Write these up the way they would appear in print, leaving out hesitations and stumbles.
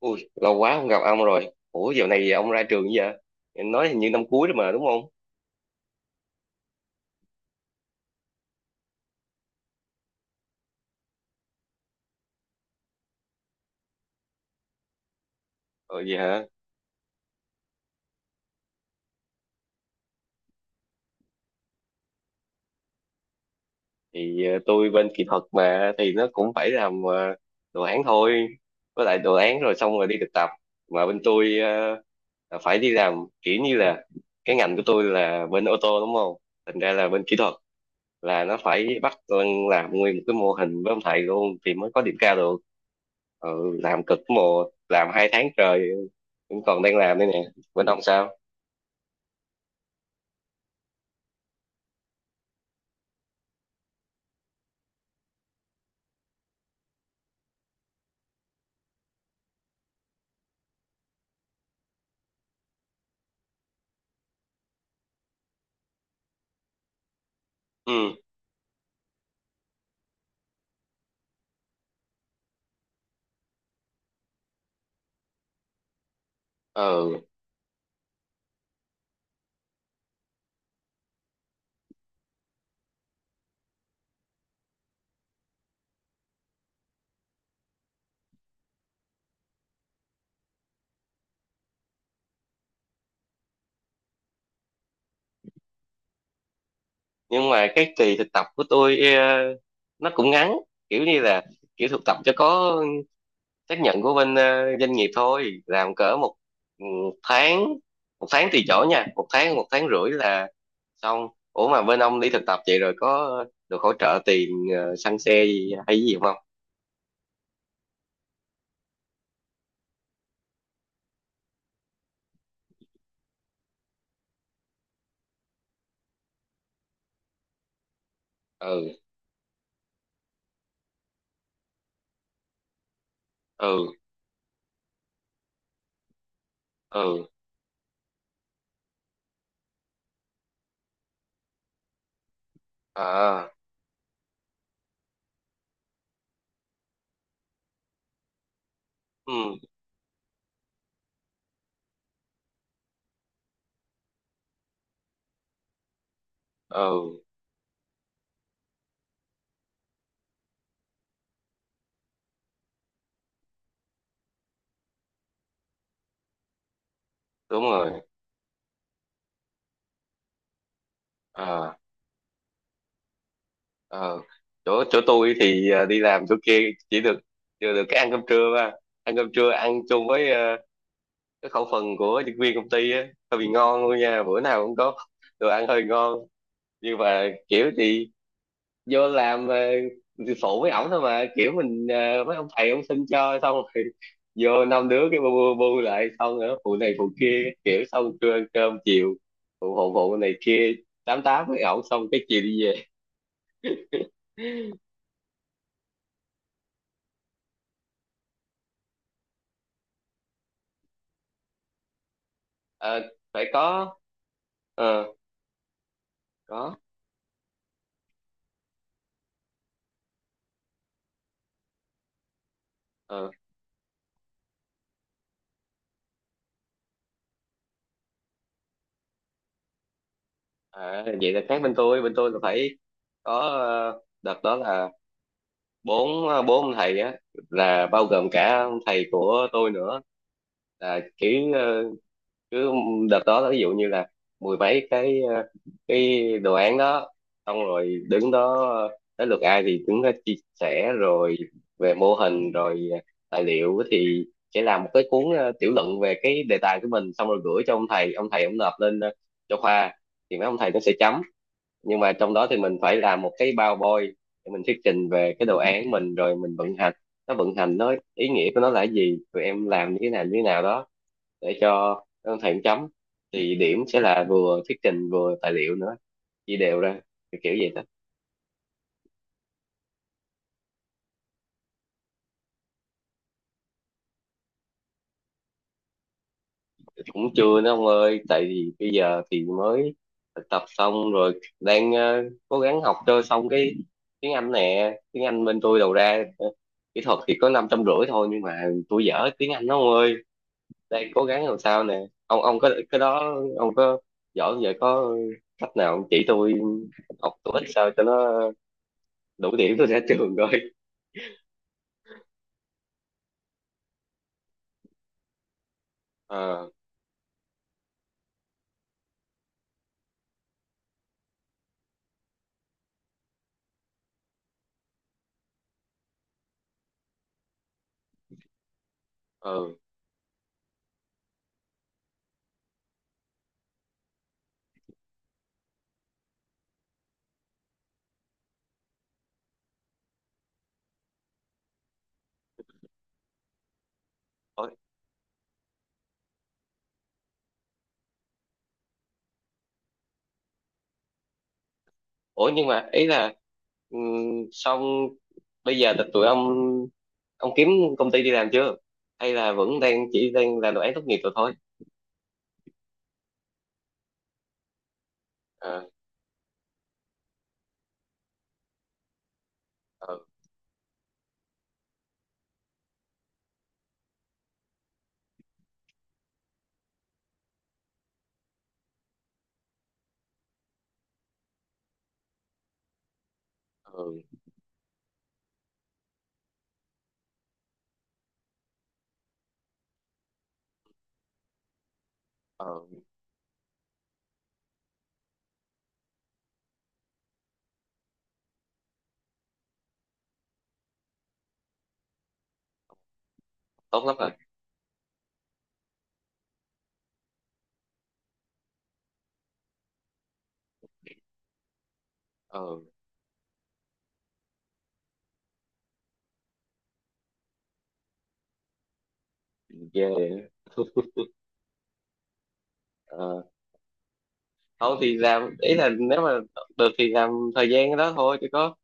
Ui, lâu quá không gặp ông rồi. Ủa, dạo này ông ra trường giờ? Em nói hình như năm cuối đó mà, đúng không? Ờ, vậy hả? Thì tôi bên kỹ thuật mà, thì nó cũng phải làm đồ án thôi. Với lại đồ án rồi xong rồi đi thực tập. Mà bên tôi là phải đi làm, kiểu như là cái ngành của tôi là bên ô tô đúng không? Thành ra là bên kỹ thuật là nó phải bắt con làm nguyên một cái mô hình với ông thầy luôn thì mới có điểm cao được. Ừ, làm cực mồ, làm 2 tháng trời, vẫn còn đang làm đây nè. Bên ông sao? Ừ. Ừ. Nhưng mà cái kỳ thực tập của tôi nó cũng ngắn, kiểu như là kiểu thực tập cho có xác nhận của bên doanh nghiệp thôi, làm cỡ một, ừ, tháng, một tháng tùy chỗ nha, một tháng rưỡi là xong. Ủa mà bên ông đi thực tập vậy rồi có được hỗ trợ tiền xăng xe gì hay gì không? Ừ. Ừ. Ừ. À. Ừ. Ừ. Đúng rồi. À. Ờ. chỗ chỗ tôi thì đi làm chỗ kia chỉ được, chưa được, cái ăn cơm trưa mà ăn cơm trưa ăn chung với cái khẩu phần của nhân viên công ty á, hơi bị ngon luôn nha, bữa nào cũng có đồ ăn hơi ngon. Nhưng mà kiểu thì vô làm thì phụ với ổng thôi, mà kiểu mình mấy ông thầy ông xin cho xong rồi vô năm đứa cái bu bu, bu lại, xong nữa phụ này phụ kia, kiểu xong trưa ăn cơm chiều phụ phụ phụ này kia, tám tám với ổng, xong cái chiều đi về. Ờ, phải có. Ờ, có. Ờ. À, vậy là khác Bên tôi là phải có đợt đó là bốn ông thầy á, là bao gồm cả ông thầy của tôi nữa, là kiểu cứ đợt đó ví dụ như là mười mấy cái cái đồ án đó, xong rồi đứng đó tới lượt ai thì đứng đó chia sẻ rồi về mô hình rồi tài liệu thì sẽ làm một cái cuốn tiểu luận về cái đề tài của mình, xong rồi gửi cho ông thầy, ông nộp lên cho khoa, thì mấy ông thầy nó sẽ chấm. Nhưng mà trong đó thì mình phải làm một cái PowerPoint để mình thuyết trình về cái đồ án mình rồi mình vận hành nó, vận hành nó, ý nghĩa của nó là cái gì, tụi em làm như thế nào đó, để cho đơn thầy chấm. Thì điểm sẽ là vừa thuyết trình vừa tài liệu nữa, chia đều ra, kiểu kiểu vậy đó. Cũng chưa nữa ông ơi, tại vì bây giờ thì mới thực tập xong rồi, đang cố gắng học cho xong cái tiếng Anh nè. Tiếng Anh bên tôi đầu ra kỹ thuật thì có 550 thôi, nhưng mà tôi dở tiếng Anh đó ông ơi, đang cố gắng làm sao nè. Ông có cái đó, ông có giỏi không vậy, có cách nào ông chỉ tôi học, tôi ít, sao cho nó đủ điểm tôi ra trường coi. Ờ. Ừ. Ủa. Nhưng mà ý là, ừm, xong bây giờ là tụi ông kiếm công ty đi làm chưa hay là vẫn đang, chỉ đang là đồ án tốt nghiệp rồi thôi? Ờ. Ờ. Ờ. Ờ, tốt lắm rồi. Ờ. Ghê. Không thì làm, ý là nếu mà được thì làm thời gian đó thôi chứ có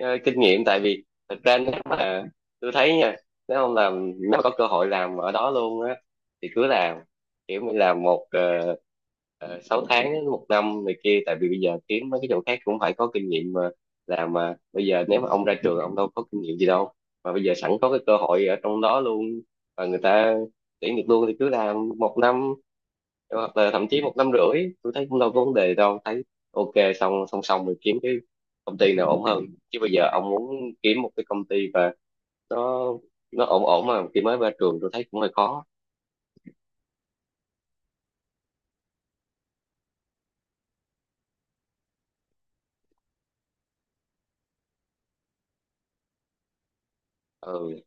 kinh nghiệm. Tại vì thật ra nếu mà, tôi thấy nha, nếu không làm, nếu mà có cơ hội làm ở đó luôn á thì cứ làm, kiểu mình làm một, 6 tháng đến một năm này kia, tại vì bây giờ kiếm mấy cái chỗ khác cũng phải có kinh nghiệm mà. Làm mà bây giờ nếu mà ông ra trường ông đâu có kinh nghiệm gì đâu, mà bây giờ sẵn có cái cơ hội ở trong đó luôn và người ta tuyển được luôn thì cứ làm một năm, hoặc là thậm chí một năm rưỡi tôi thấy cũng đâu có vấn đề đâu thấy. Ok, xong song song mình kiếm cái công ty nào ổn hơn, chứ bây giờ ông muốn kiếm một cái công ty và nó nó ổn ổn mà khi mới ra trường tôi thấy cũng hơi khó. Ừ.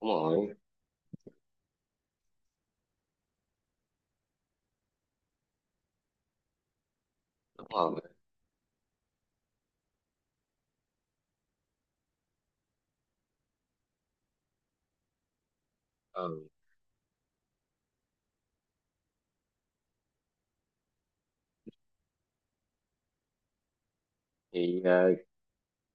Đúng rồi. Đúng rồi. Ừ. Thì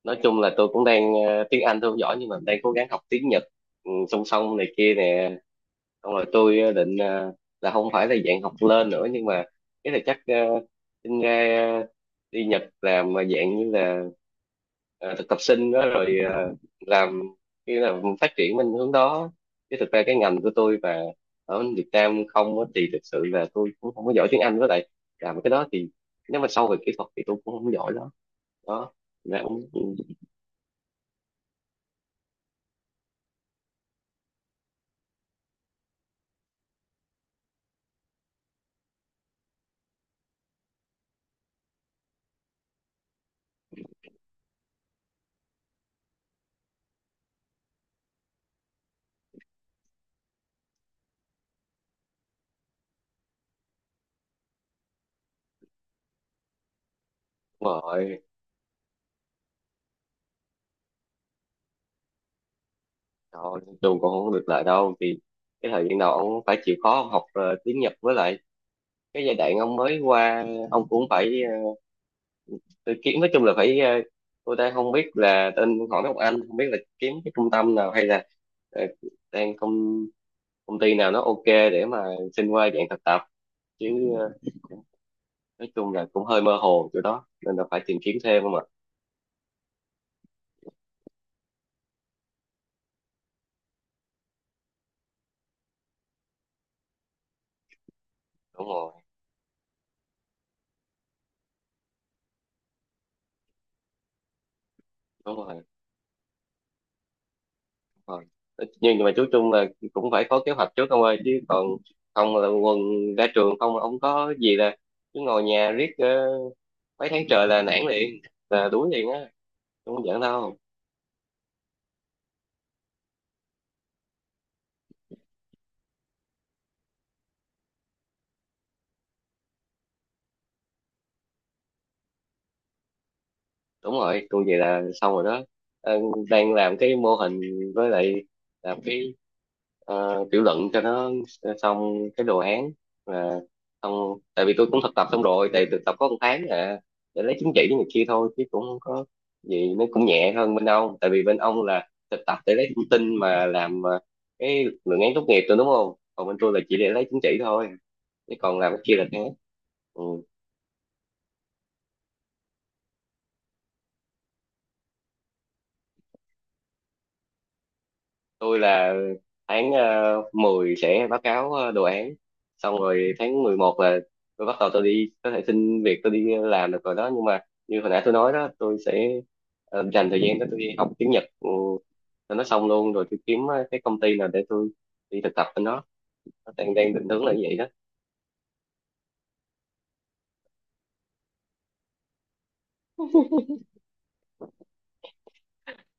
nói chung là tôi cũng đang tiếng Anh tôi không giỏi nhưng mà đang cố gắng học tiếng Nhật, ừ, song song này kia nè. Xong rồi tôi định là không phải là dạng học lên nữa nhưng mà cái là chắc xin ra đi Nhật làm mà dạng như là thực tập sinh đó rồi làm như là phát triển bên hướng đó, chứ thực ra cái ngành của tôi và ở Việt Nam không á, thì thực sự là tôi cũng không có giỏi tiếng Anh, với lại làm cái đó thì nếu mà sâu về kỹ thuật thì tôi cũng không giỏi đó. Đó. Nên cũng. Đúng rồi, rồi trường còn không được lại đâu thì cái thời gian đầu ông phải chịu khó ông học tiếng Nhật, với lại cái giai đoạn ông mới qua ông cũng phải tự kiếm, nói chung là phải tôi đang không biết là tên hỏi mấy ông anh, không biết là kiếm cái trung tâm nào hay là ờ, đang công công ty nào nó ok để mà xin qua dạng thực tập, chứ ờ, nói chung là cũng hơi mơ hồ chỗ đó nên là phải tìm kiếm thêm không ạ. Đúng rồi. Đúng rồi. Rồi. Nhưng mà chú Trung là cũng phải có kế hoạch trước ông ơi, chứ còn không là quần ra trường không ông có gì là cứ ngồi nhà riết mấy tháng trời là nản liền, là đuối liền á, không giỡn đâu. Đúng rồi, tôi vậy là xong rồi đó. Ờ, đang làm cái mô hình với lại làm cái tiểu luận cho nó xong cái đồ án là xong, tại vì tôi cũng thực tập xong rồi, tại thực tập có một tháng à, để lấy chứng chỉ này kia thôi chứ cũng không có gì. Nó cũng nhẹ hơn bên ông, tại vì bên ông là thực tập để lấy thông tin mà làm cái luận án tốt nghiệp rồi đúng không, còn bên tôi là chỉ để lấy chứng chỉ thôi, chứ còn làm cái kia là khác. Ừ. Tôi là tháng 10 sẽ báo cáo đồ án, xong rồi tháng 11 là tôi bắt đầu tôi đi, có thể xin việc, tôi đi làm được rồi đó. Nhưng mà như hồi nãy tôi nói đó, tôi sẽ dành thời gian đó tôi đi học tiếng Nhật, ừ, cho nó xong luôn, rồi tôi kiếm cái công ty nào để tôi đi thực tập bên đó. Nó đang đang định hướng là như vậy đó.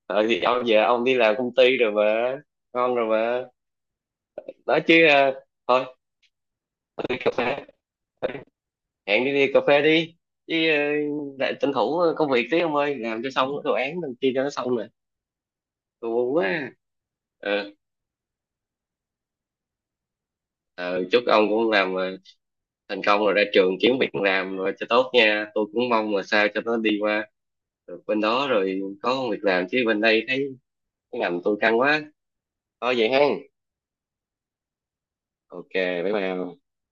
Ờ thì ông giờ ông đi làm công ty rồi mà, ngon rồi mà, nói chứ thôi tôi đi cà phê, hẹn đi, đi cà phê đi, chứ lại tranh thủ công việc tí ông ơi, làm cho xong cái đồ án đăng ký cho nó xong nè, tôi buồn quá à. Ờ. Ờ, chúc ông cũng làm thành công, rồi ra trường kiếm việc làm rồi cho tốt nha, tôi cũng mong là sao cho nó đi qua được bên đó rồi có công việc làm, chứ bên đây thấy cái ngành tôi căng quá. Thôi vậy ha. Ok. Bye bye.